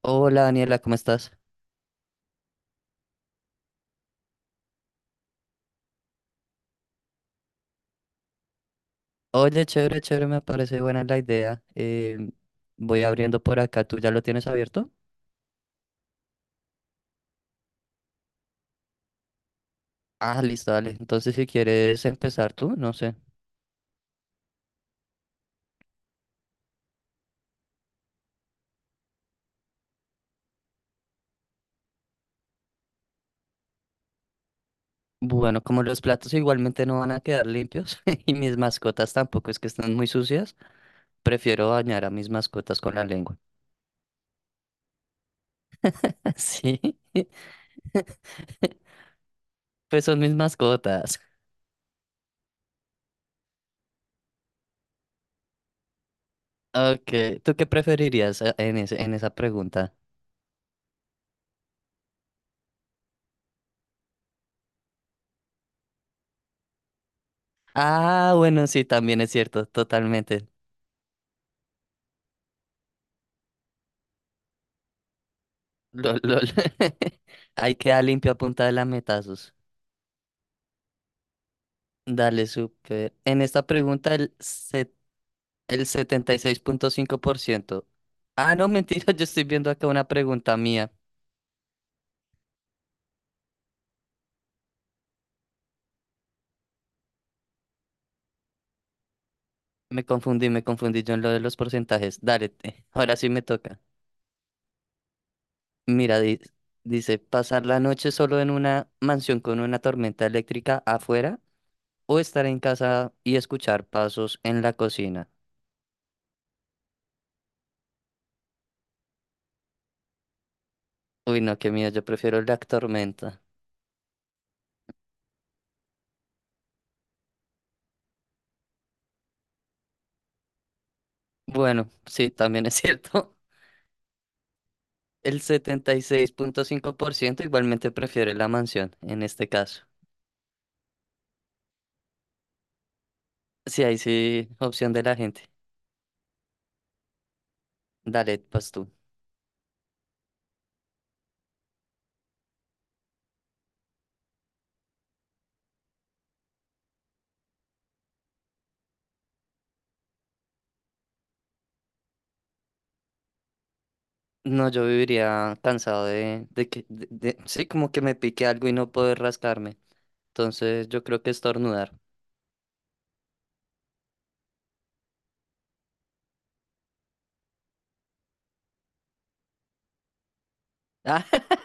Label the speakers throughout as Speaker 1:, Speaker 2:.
Speaker 1: Hola Daniela, ¿cómo estás? Oye, chévere, chévere, me parece buena la idea. Voy abriendo por acá, ¿tú ya lo tienes abierto? Ah, listo, dale. Entonces, si quieres empezar tú, no sé. Bueno, como los platos igualmente no van a quedar limpios y mis mascotas tampoco es que están muy sucias, prefiero bañar a mis mascotas con la lengua. Sí, pues son mis mascotas. Ok, ¿tú qué preferirías en en esa pregunta? Ah, bueno, sí, también es cierto, totalmente. Lol, lol. Hay que dar limpio a punta de lametazos. Dale, súper. En esta pregunta, el 76,5%. Ah, no, mentira, yo estoy viendo acá una pregunta mía. Me confundí yo en lo de los porcentajes. Dale, ahora sí me toca. Mira, dice, ¿pasar la noche solo en una mansión con una tormenta eléctrica afuera o estar en casa y escuchar pasos en la cocina? Uy, no, qué miedo, yo prefiero la tormenta. Bueno, sí, también es cierto. El 76,5% igualmente prefiere la mansión, en este caso. Sí, ahí sí, opción de la gente. Dale, pues tú. No, yo viviría cansado de sí, como que me pique algo y no poder rascarme. Entonces, yo creo que estornudar.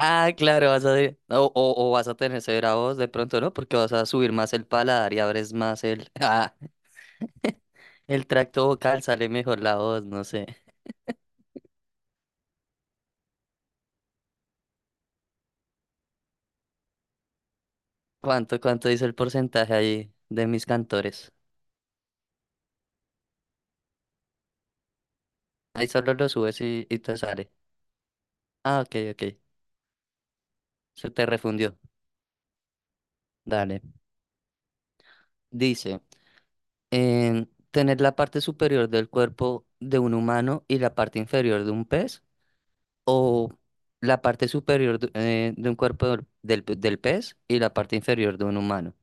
Speaker 1: Ah, ah, claro, vas a, o vas a tener severa voz de pronto, ¿no? Porque vas a subir más el paladar y abres más el, ah, el tracto vocal, sale mejor la voz, no sé. ¿Cuánto, cuánto dice el porcentaje ahí de mis cantores? Ahí solo lo subes y te sale. Ah, ok, ok. Se te refundió. Dale. Dice, tener la parte superior del cuerpo de un humano y la parte inferior de un pez, o la parte superior de un cuerpo del pez y la parte inferior de un humano.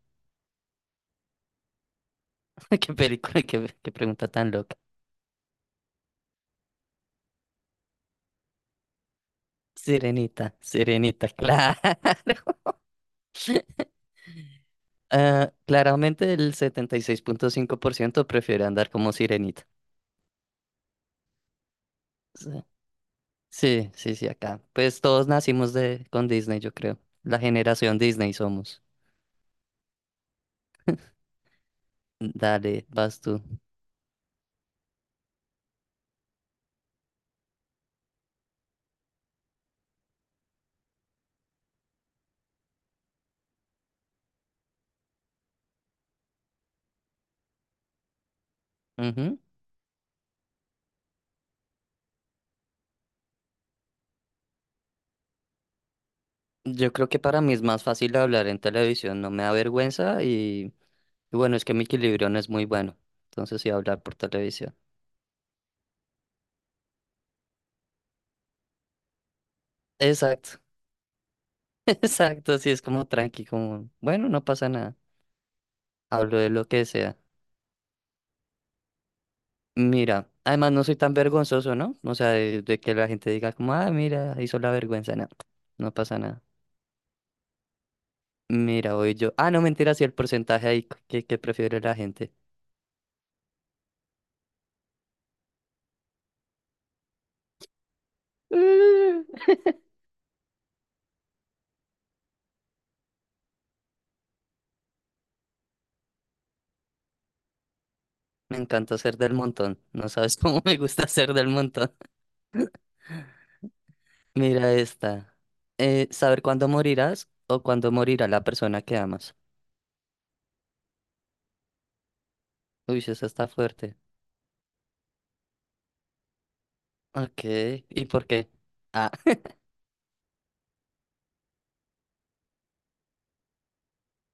Speaker 1: Qué película, qué, qué pregunta tan loca. Sirenita, sirenita, claro. Ah, claramente el 76.5% prefiere andar como sirenita. Sí, sí, sí, sí, acá. Pues todos nacimos de, con Disney, yo creo. La generación Disney somos. Dale, vas tú. Ujú. Yo creo que para mí es más fácil hablar en televisión, no me da vergüenza y bueno, es que mi equilibrio no es muy bueno. Entonces sí, hablar por televisión. Exacto, exacto, sí, es como tranqui, como, bueno, no pasa nada. Hablo de lo que sea. Mira, además no soy tan vergonzoso, ¿no? O sea, de que la gente diga como, ah, mira, hizo la vergüenza, no, no pasa nada. Mira, voy yo. Ah, no, mentira, sí, el porcentaje ahí que prefiere la gente. Me encanta ser del montón. No sabes cómo me gusta ser del montón. Mira esta. Saber cuándo morirás o cuándo morirá la persona que amas. Uy, esa está fuerte. Ok, ¿y por qué? Ah,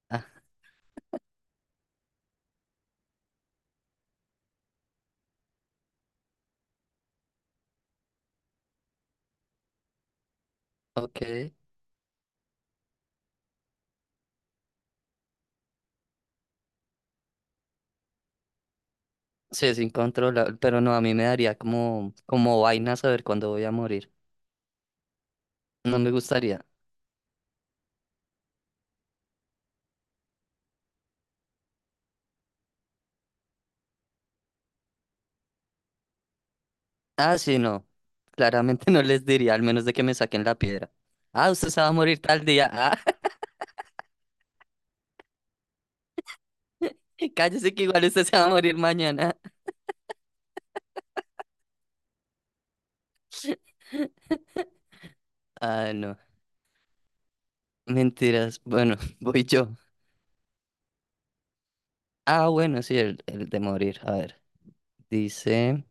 Speaker 1: ah, ok. Sí, es incontrolable, pero no, a mí me daría como, como vaina saber cuándo voy a morir. No me gustaría. Ah, sí, no. Claramente no les diría, al menos de que me saquen la piedra. Ah, usted se va a morir tal día. Ah, cállese que igual usted se va a morir mañana. Ah, no. Mentiras. Bueno, voy yo. Ah, bueno, sí, el de morir. A ver. Dice,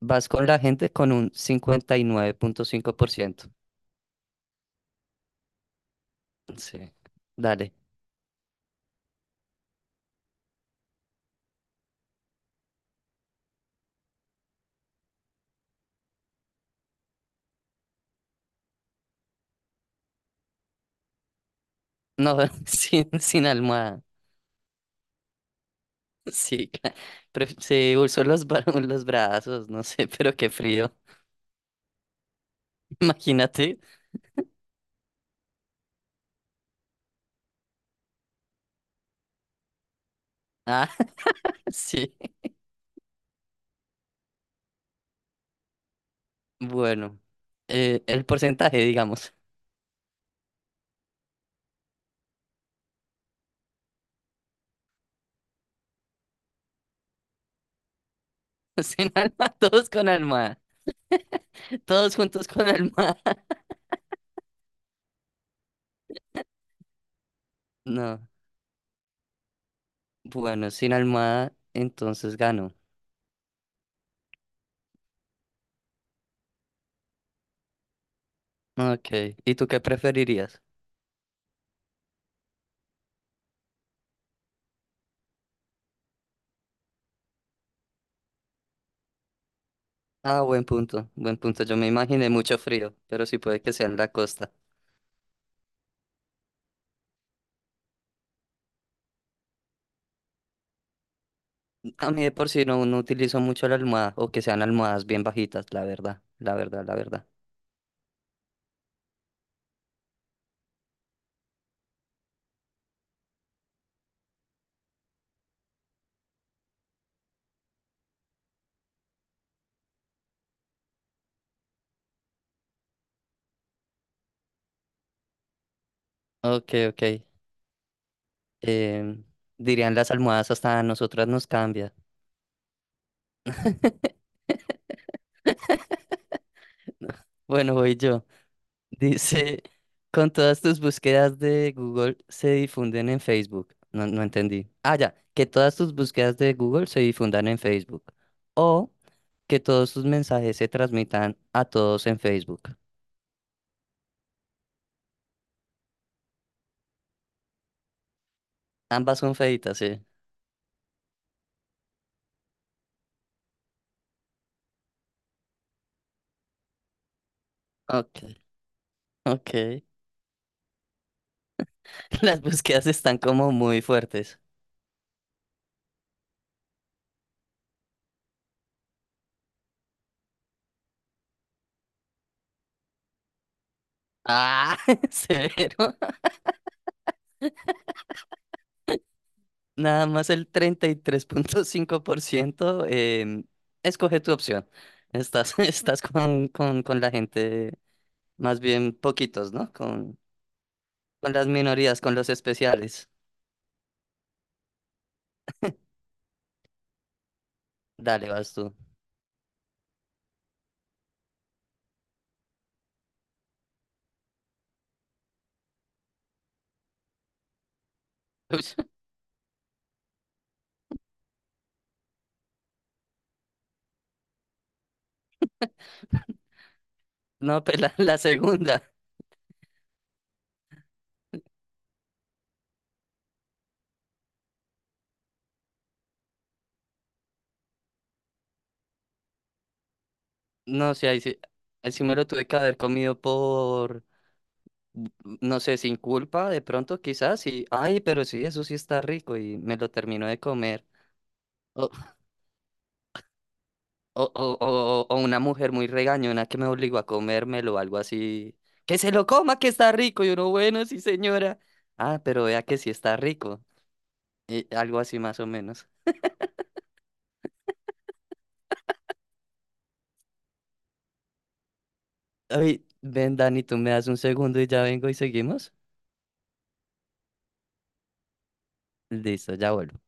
Speaker 1: vas con la gente con un 59,5%. Sí. Dale. No, sin almohada. Sí, claro. Sí, uso los, los brazos, no sé, pero qué frío. Imagínate. Ah. Sí, bueno, el porcentaje, digamos. Sin alma, todos con alma, todos juntos con alma. No, bueno, sin alma, entonces gano. Ok, ¿y tú qué preferirías? Ah, buen punto, buen punto. Yo me imaginé mucho frío, pero sí puede que sea en la costa. A mí de por sí no, no utilizo mucho la almohada o que sean almohadas bien bajitas, la verdad, la verdad, la verdad. Ok, ok. em, Dirían las almohadas hasta a nosotras nos cambia. Bueno, voy yo. Dice, con todas tus búsquedas de Google se difunden en Facebook. No, no entendí. Ah, ya, que todas tus búsquedas de Google se difundan en Facebook. O que todos tus mensajes se transmitan a todos en Facebook. Ambas son feitas, sí. Ok, ok. Las búsquedas están como muy fuertes. Ah, severo. Nada más el 33.5% escoge tu opción. Estás, estás con, con la gente. Más bien poquitos, ¿no? Con las minorías, con los especiales. Dale, vas tú. Uy, no, pero la segunda. No sé, ahí sí me lo tuve que haber comido por, no sé, sin culpa, de pronto quizás, y, ay, pero sí, eso sí está rico, y me lo terminó de comer. O, o una mujer muy regañona que me obligó a comérmelo, algo así. Que se lo coma, que está rico, y uno, bueno, sí, señora. Ah, pero vea que sí está rico. Y algo así más o menos. Ay, ven, Dani, tú me das un segundo y ya vengo y seguimos. Listo, ya vuelvo.